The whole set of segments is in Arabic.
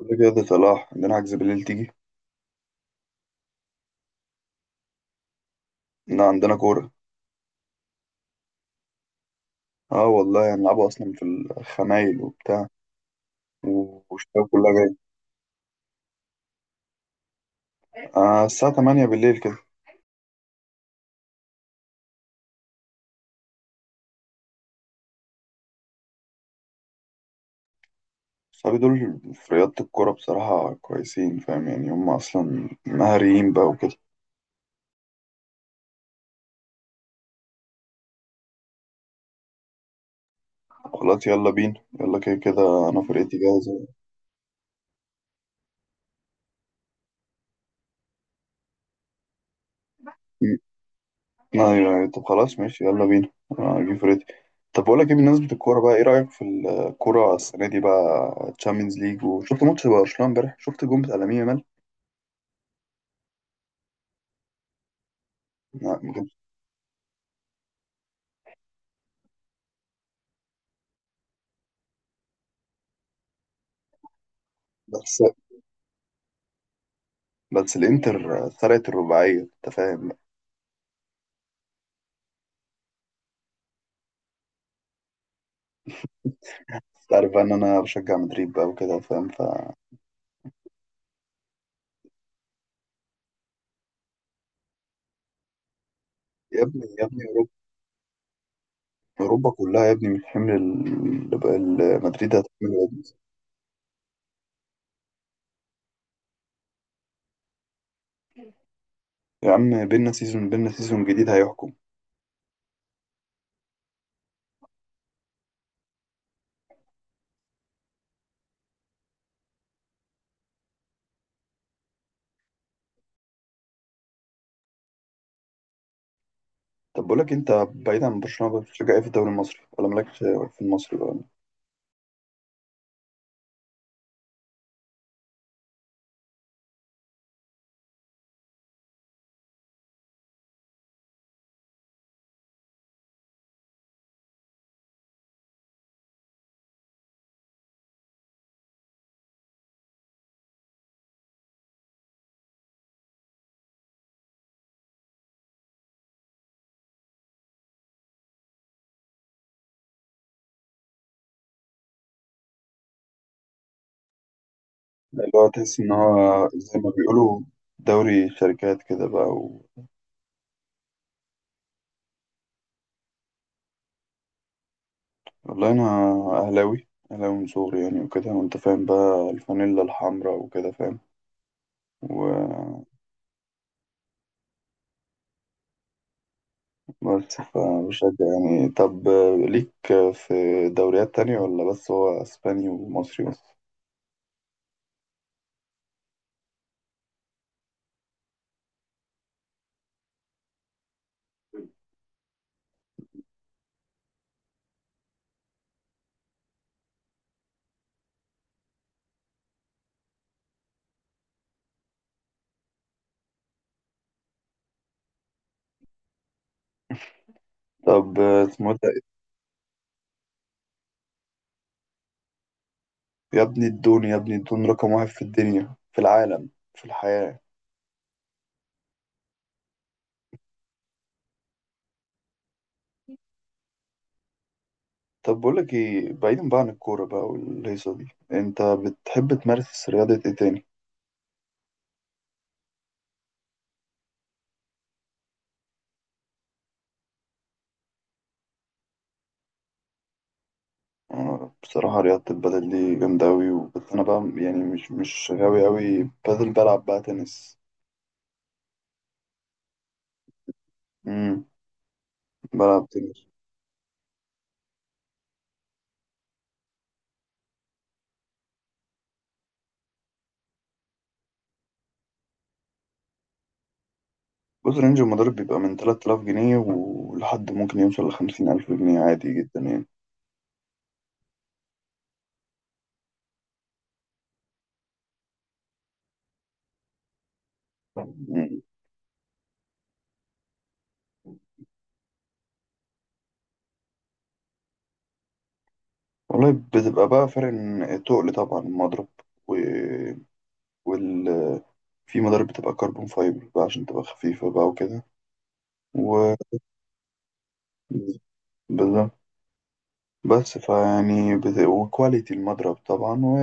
كل كده صلاح عندنا عجز بالليل تيجي. إن عندنا كورة. اه والله هنلعبوا أصلا في الخمايل وبتاع والشباب كلها جاية. آه، الساعة 8 بالليل كده. صحابي دول في رياضة الكورة بصراحة كويسين، فاهم؟ يعني هم أصلا مهاريين بقى وكده. خلاص يلا بينا. يلا كده كده أنا فرقتي جاهزة. م- أيوه أيوه، طب خلاص ماشي يلا بينا. أنا هجيب فرقتي. طب بقول لك إيه، بالنسبة للكورة بقى إيه رأيك في الكورة السنة دي بقى؟ تشامبيونز ليج، وشفت ماتش برشلونة إمبارح، شفت الجون بتاع لامين يامال. بس بس الانتر سرقت الرباعية، انت فاهم. انت عارف بقى ان انا بشجع مدريد بقى وكده، فاهم؟ ف يا ابني يا ابني اوروبا. أوروبا كلها يا ابني، من حمل مدريد هتحمل يا ابني. يا عم بينا سيزون جديد هيحكم. طب بقول لك، انت بعيد عن برشلونة بتشجع ايه في الدوري المصري، ولا مالكش في المصري بقى؟ يعني اللي هو تحس ان هو زي ما بيقولوا دوري شركات كده بقى و... والله انا اهلاوي اهلاوي من صغري يعني، وكده وانت فاهم بقى الفانيلا الحمراء وكده. فاهم؟ بس فبشجع يعني. طب ليك في دوريات تانية ولا بس هو اسباني ومصري بس؟ طب اسمه إيه ده؟ يا ابني الدون، يا ابني الدون رقم واحد في الدنيا، في العالم، في الحياة. طب بقول لك ايه، بعيدا بقى عن الكورة بقى والهيصة دي، انت بتحب تمارس رياضة ايه تاني؟ بصراحة رياضة البدل دي جامدة أوي، بس أنا بقى يعني مش غاوي أوي بدل، بلعب بقى تنس. مم. بلعب تنس. بص، رينج المضارب بيبقى من 3000 جنيه ولحد ممكن يوصل لخمسين ألف جنيه، عادي جدا يعني. مم. والله بتبقى بقى فرق، إن التقل طبعا المضرب و... وال... في مضارب بتبقى كربون فايبر بقى عشان تبقى خفيفة بقى وكده و بالظبط. بس فيعني بت... وكواليتي المضرب طبعا و...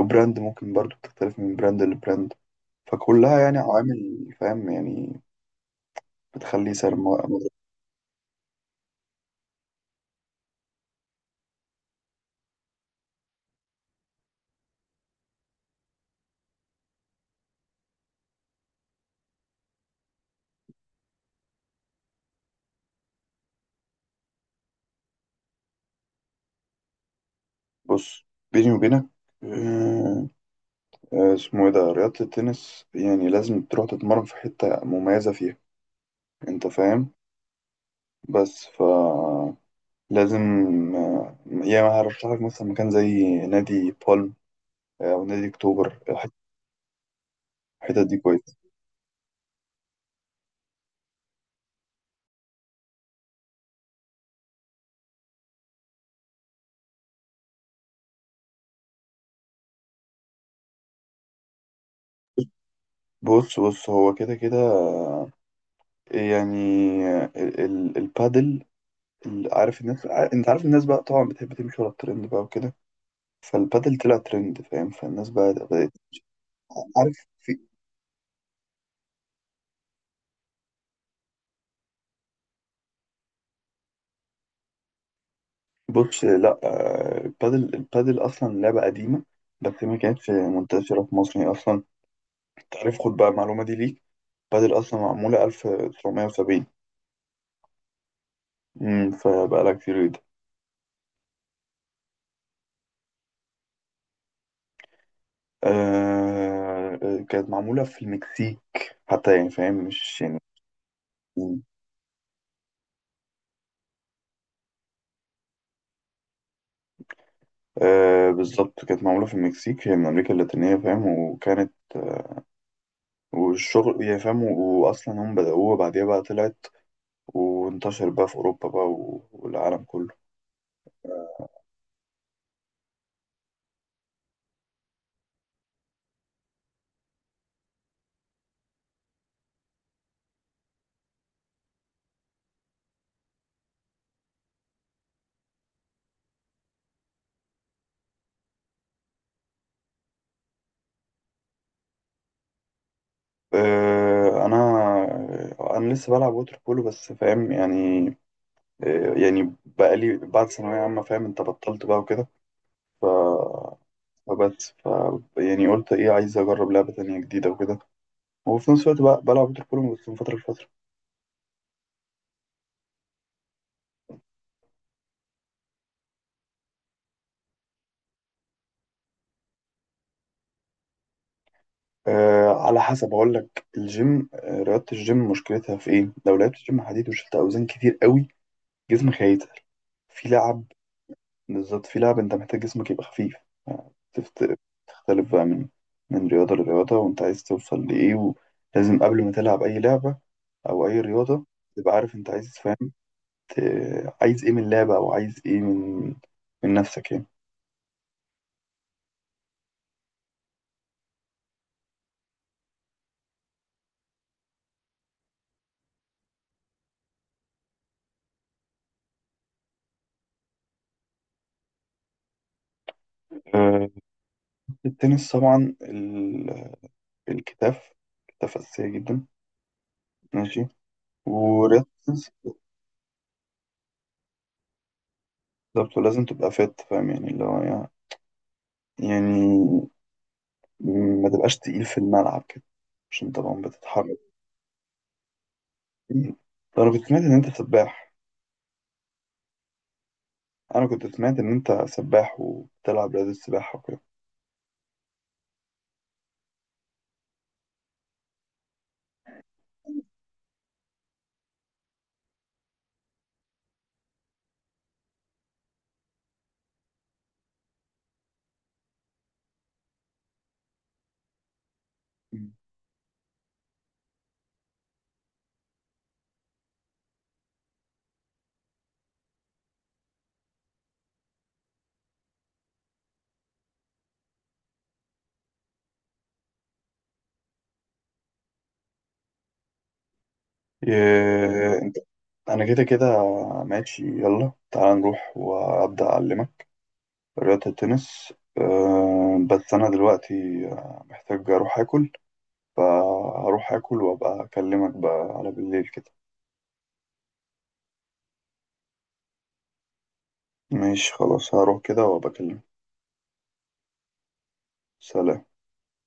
وبراند ممكن برضو بتختلف من براند لبراند. فكلها يعني عوامل، فاهم يعني؟ بتخلي سعر المضرب. بص بيني وبينك، آه، اسمه ايه ده، رياضة التنس يعني لازم تروح تتمرن في حتة مميزة فيها، انت فاهم. بس ف لازم يعني هرشح لك مثلا مكان زي نادي بالم، او نادي اكتوبر. الحتت دي كويس. بص هو كده كده يعني، البادل. عارف الناس، انت عارف الناس بقى طبعا بتحب تمشي ورا الترند بقى وكده. فالبادل طلع ترند، فاهم، فالناس بقى بدأت. عارف في؟ بص لا، البادل اصلا لعبه قديمه، بس ما كانتش منتشره في مصر هي اصلا. تعرف، خد بقى المعلومه دي ليك، البادل اصلا معموله 1970. فبقى لها كتير جدا. آه، كانت معموله في المكسيك حتى، يعني فاهم مش يعني. مم. آه، بالظبط كانت معموله في المكسيك، هي من امريكا اللاتينيه فاهم، وكانت والشغل يعني فاهم، واصلا هم بدأوها، بعديها بقى طلعت وانتشر بقى في اوروبا بقى والعالم كله. انا انا لسه بلعب ووتر بولو بس، فاهم يعني. يعني بقالي بعد ثانويه عامه فاهم انت، بطلت بقى وكده. ف فبس ف يعني قلت ايه، عايز اجرب لعبه تانية جديده وكده، وفي نفس الوقت بقى بلعب ووتر بولو بس من فتره لفتره. أه على حسب، اقول لك الجيم، رياضه الجيم مشكلتها في ايه، لو لعبت جيم حديد وشلت اوزان كتير قوي جسمك هيتقل في لعب. بالظبط، في لعب انت محتاج جسمك يبقى خفيف. تختلف بقى من رياضة لرياضة، وانت عايز توصل لإيه. ولازم قبل ما تلعب أي لعبة أو أي رياضة تبقى عارف انت عايز، فاهم؟ عايز ايه من اللعبة، أو عايز ايه من نفسك يعني. آه، التنس طبعا الكتاف. كتاف أساسية جدا. ماشي. ورياضة التنس بالظبط، ولازم تبقى فات فاهم يعني، اللي هو يعني يعني ما تبقاش تقيل في الملعب كده عشان طبعا بتتحرك. ده أنا كنت سمعت إن أنت سباح. انا كنت سمعت ان انت سباح وبتلعب رياضة السباحة وكده. مم. إيه انت. انا كده كده ماشي، يلا تعال نروح وابدا اعلمك رياضة التنس. بس انا دلوقتي محتاج اروح اكل. فهروح اكل وابقى اكلمك بقى على بالليل كده. ماشي خلاص، هروح كده وابقى اكلمك. سلام.